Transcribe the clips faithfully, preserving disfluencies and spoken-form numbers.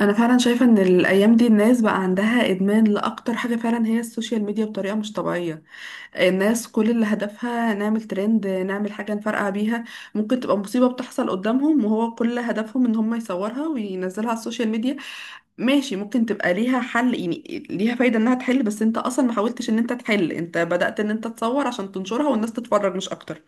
انا فعلا شايفه ان الايام دي الناس بقى عندها ادمان لاكتر حاجه فعلا هي السوشيال ميديا بطريقه مش طبيعيه. الناس كل اللي هدفها نعمل ترند، نعمل حاجه نفرقع بيها. ممكن تبقى مصيبه بتحصل قدامهم وهو كل هدفهم ان هم يصورها وينزلها على السوشيال ميديا. ماشي، ممكن تبقى ليها حل، يعني ليها فايده انها تحل، بس انت اصلا ما حاولتش ان انت تحل، انت بدأت ان انت تصور عشان تنشرها والناس تتفرج مش اكتر.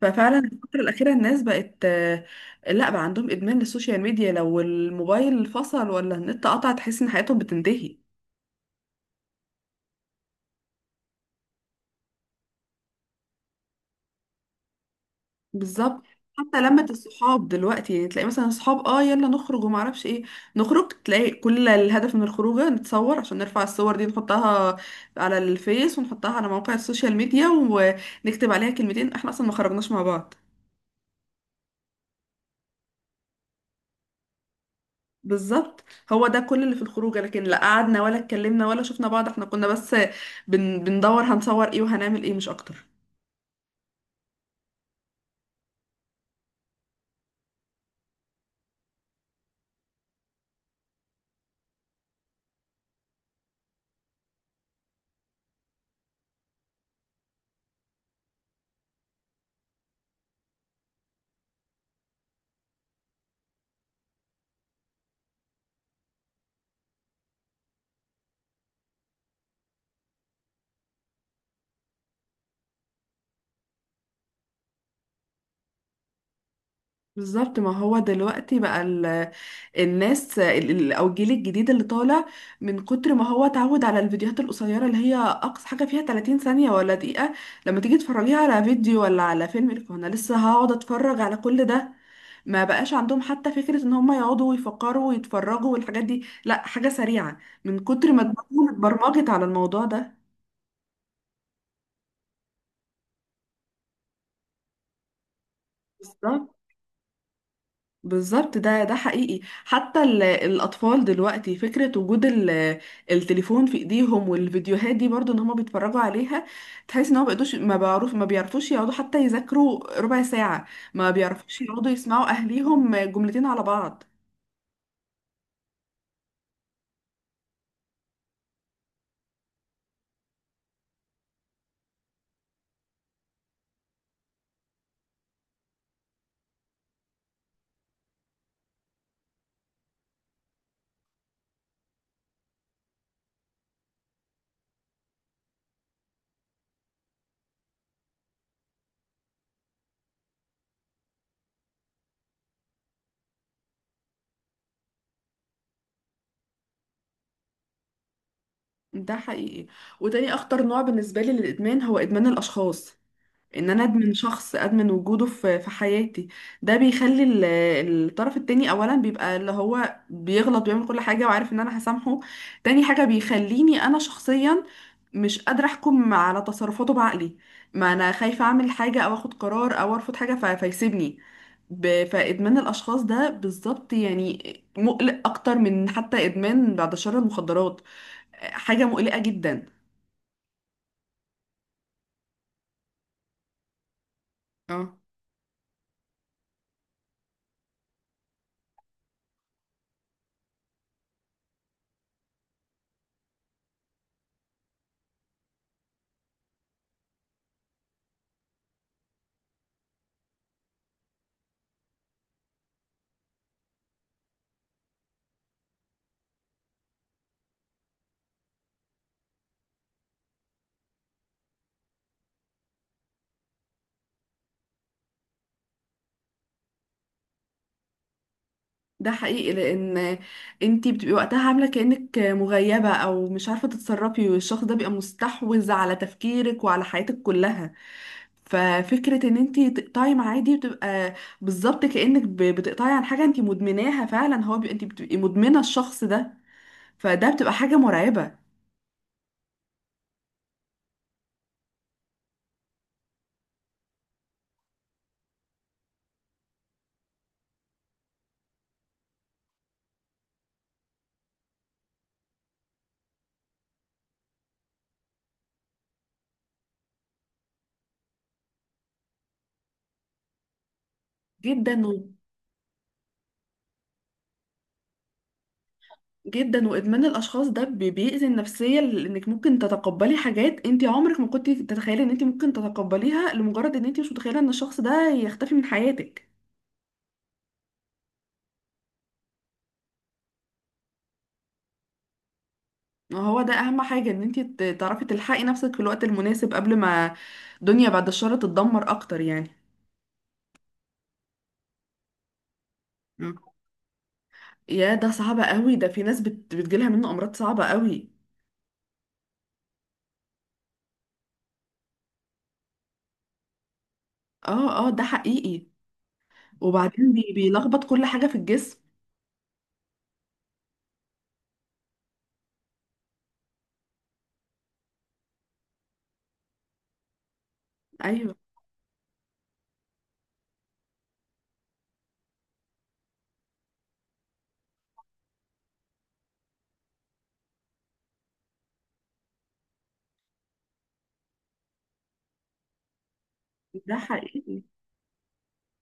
ففعلا الفترة الأخيرة الناس بقت آه، لا، بقى عندهم إدمان للسوشيال ميديا، لو الموبايل فصل ولا النت قطع تحس إن حياتهم بتنتهي. بالظبط. حتى لمة الصحاب دلوقتي، يعني تلاقي مثلا صحاب اه يلا نخرج وما اعرفش ايه، نخرج تلاقي كل الهدف من الخروجه نتصور عشان نرفع الصور دي نحطها على الفيس ونحطها على مواقع السوشيال ميديا ونكتب عليها كلمتين، احنا اصلا ما خرجناش مع بعض. بالظبط، هو ده كل اللي في الخروجه، لكن لا قعدنا ولا اتكلمنا ولا شفنا بعض، احنا كنا بس بن... بندور هنصور ايه وهنعمل ايه مش اكتر. بالظبط، ما هو دلوقتي بقى ال... الناس ال... ال- او الجيل الجديد اللي طالع، من كتر ما هو اتعود على الفيديوهات القصيره اللي هي اقصى حاجه فيها ثلاثين ثانيه ولا دقيقه. لما تيجي تفرجيها على فيديو ولا على فيلم يقولك هو انا لسه هقعد اتفرج على كل ده. ما بقاش عندهم حتى فكرة ان هم يقعدوا ويفكروا ويتفرجوا والحاجات دي، لا حاجة سريعة من كتر ما دماغهم اتبرمجت على الموضوع ده. بالظبط، بالظبط، ده ده حقيقي. حتى ال- الاطفال دلوقتي فكرة وجود ال- التليفون في ايديهم والفيديوهات دي برضو ان هم بيتفرجوا عليها، تحس ان هم بيقدوش ما بعرف ما بيعرفوش يقعدوا حتى يذاكروا ربع ساعة، ما بيعرفوش يقعدوا يسمعوا اهليهم جملتين على بعض. ده حقيقي، وتاني اخطر نوع بالنسبة لي للادمان هو ادمان الاشخاص. ان انا ادمن شخص، ادمن وجوده في في حياتي. ده بيخلي ال- الطرف التاني اولا بيبقى اللي هو بيغلط بيعمل كل حاجة وعارف ان انا هسامحه. تاني حاجة بيخليني انا شخصيا مش قادرة احكم على تصرفاته بعقلي. ما انا خايفة اعمل حاجة او اخد قرار او ارفض حاجة ف- فيسيبني. ب- فادمان الاشخاص ده بالظبط، يعني مقلق اكتر من حتى ادمان بعد شر المخدرات. حاجة مقلقة جدا. اه، ده حقيقي، لان انتي بتبقي وقتها عامله كانك مغيبه او مش عارفه تتصرفي والشخص ده بيبقى مستحوذ على تفكيرك وعلى حياتك كلها. ففكره ان انتي تقطعي معاه دي بتبقى بالظبط كانك ب- بتقطعي عن حاجه انتي مدمناها فعلا، هو بي... انتي بتبقي مدمنه الشخص ده. فده بتبقى حاجه مرعبه جدا و... جدا، وادمان الاشخاص ده بي- بيأذي النفسيه لانك ممكن تتقبلي حاجات انت عمرك ما كنت تتخيلي ان انت ممكن تتقبليها لمجرد ان انت مش متخيله ان الشخص ده يختفي من حياتك. هو ده اهم حاجة ان انتي ت- تعرفي تلحقي نفسك في الوقت المناسب قبل ما الدنيا بعد الشر تتدمر اكتر يعني. مم. يا، ده صعب قوي، ده في ناس بت... بتجيلها منه امراض صعبة قوي. اه اه، ده حقيقي، وبعدين بي... بيلخبط كل حاجة في الجسم. ايوه، ده حقيقي.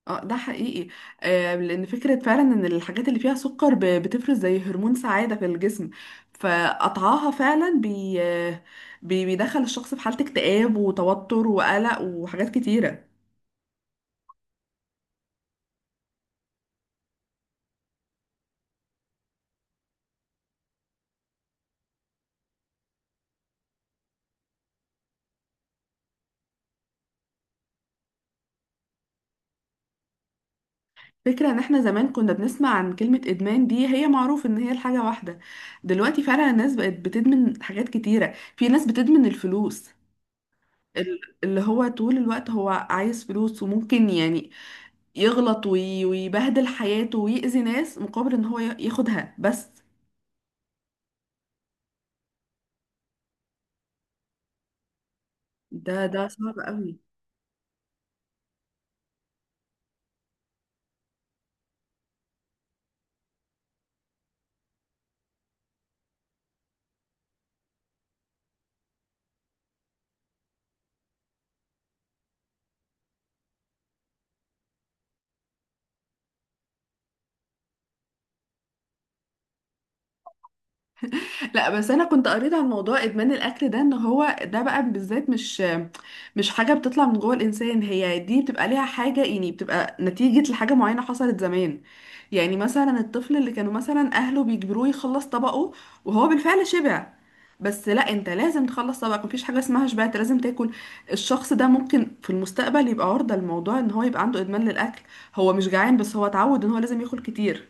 اه، ده حقيقي. آه لان فكرة فعلا ان الحاجات اللي فيها سكر ب... بتفرز زي هرمون سعادة في الجسم، فقطعها فعلا بي... آه، بي... بيدخل الشخص في حالة اكتئاب وتوتر وقلق وحاجات كتيرة. فكرة ان احنا زمان كنا بنسمع عن كلمة ادمان دي، هي معروف ان هي الحاجة واحدة. دلوقتي فعلا الناس بقت بتدمن حاجات كتيرة، في ناس بتدمن الفلوس. ال- اللي هو طول الوقت هو عايز فلوس وممكن يعني يغلط وي- ويبهدل حياته ويأذي ناس مقابل ان هو ي- ياخدها بس. ده ده صعب قوي. لا بس انا كنت قريت عن موضوع ادمان الاكل ده، ان هو ده بقى بالذات مش مش حاجه بتطلع من جوه الانسان، هي دي بتبقى ليها حاجه، يعني بتبقى نتيجه لحاجه معينه حصلت زمان. يعني مثلا الطفل اللي كانوا مثلا اهله بيجبروه يخلص طبقه وهو بالفعل شبع، بس لا انت لازم تخلص طبقك، مفيش حاجه اسمها شبعت، لازم تاكل. الشخص ده ممكن في المستقبل يبقى عرضه لموضوع ان هو يبقى عنده ادمان للاكل، هو مش جعان بس هو اتعود ان هو لازم ياكل كتير.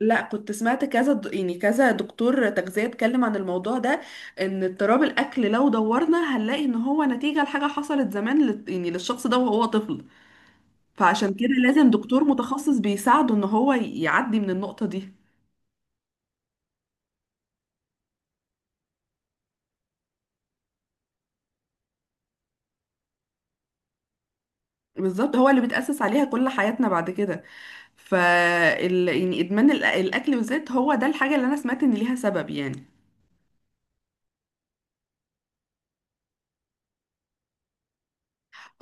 لا، كنت سمعت كذا د- يعني كذا دكتور تغذية اتكلم عن الموضوع ده، ان اضطراب الاكل لو دورنا هنلاقي ان هو نتيجة لحاجة حصلت زمان لل- يعني للشخص ده وهو طفل. فعشان كده لازم دكتور متخصص بيساعده ان هو ي- يعدي من النقطة دي. بالظبط، هو اللي بيتأسس عليها كل حياتنا بعد كده. ف ال... يعني ادمان الأ- الاكل بالذات هو ده الحاجة اللي انا سمعت ان ليها سبب يعني.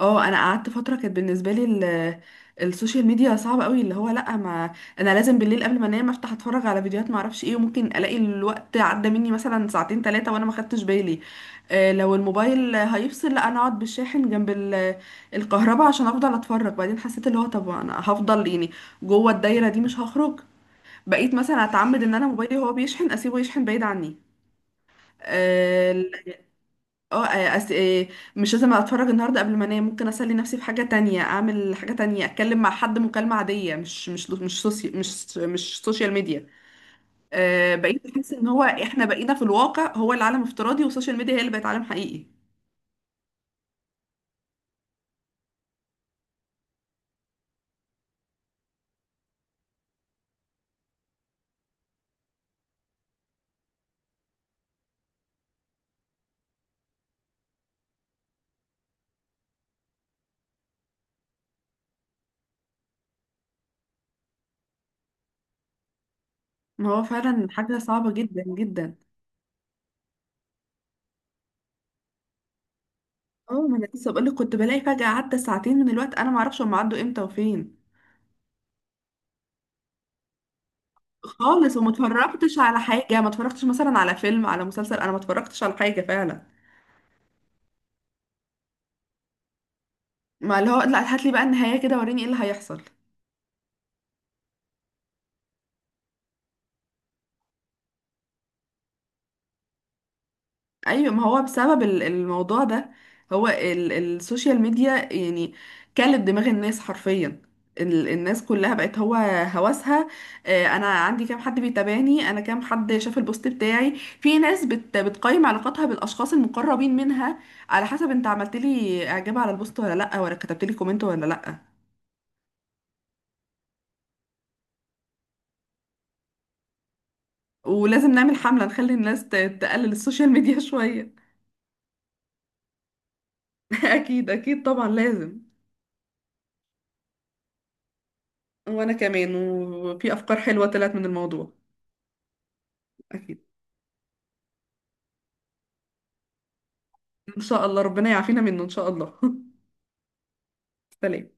اه، انا قعدت فتره كانت بالنسبه لي ال- السوشيال ميديا صعبه قوي، اللي هو لا، ما انا لازم بالليل قبل ما انام افتح اتفرج على فيديوهات ما اعرفش ايه وممكن الاقي الوقت عدى مني مثلا ساعتين ثلاثه وانا ما خدتش بالي. آه لو الموبايل هيفصل لا انا اقعد بالشاحن جنب ال- الكهرباء عشان افضل اتفرج. بعدين حسيت اللي هو طب انا هفضل يعني جوه الدايره دي مش هخرج، بقيت مثلا اتعمد ان انا موبايلي هو بيشحن اسيبه يشحن بعيد عني آه، اه آه، أس... آه، مش لازم اتفرج النهارده قبل ما انام، ممكن اسلي نفسي في حاجه تانية، اعمل حاجه تانية، اتكلم مع حد مكالمه عاديه، مش مش مش سوسي... مش مش سوشيال ميديا. أه بقيت احس ان هو احنا بقينا في الواقع هو العالم افتراضي، والسوشيال ميديا هي اللي بقت عالم حقيقي. ما هو فعلا حاجه صعبه جدا جدا. اه، ما انا لسه بقول لك كنت بلاقي فجاه عدى ساعتين من الوقت انا ما اعرفش هم عدوا امتى وفين. خالص، وما اتفرجتش على حاجه، ما اتفرجتش مثلا على فيلم على مسلسل، انا ما اتفرجتش على حاجه فعلا. ما اللي هو لا، هات لي بقى النهايه كده وريني ايه اللي هيحصل. ايوه، ما هو بسبب ال- الموضوع ده، هو ال- السوشيال ميديا يعني كلت دماغ الناس حرفيا. ال- الناس كلها بقت هو هوسها. آه، انا عندي كام حد بيتابعني، انا كام حد شاف البوست بتاعي، في ناس بت بتقيم علاقاتها بالاشخاص المقربين منها على حسب انت عملت لي اعجاب على البوست ولا لا، ولا كتبت لي كومنت ولا لا. ولازم نعمل حملة نخلي الناس ت- تقلل السوشيال ميديا شوية. اكيد، اكيد، طبعا لازم. وانا كمان، وفي افكار حلوة طلعت من الموضوع. اكيد. ان شاء الله ربنا يعافينا منه ان شاء الله. سلام.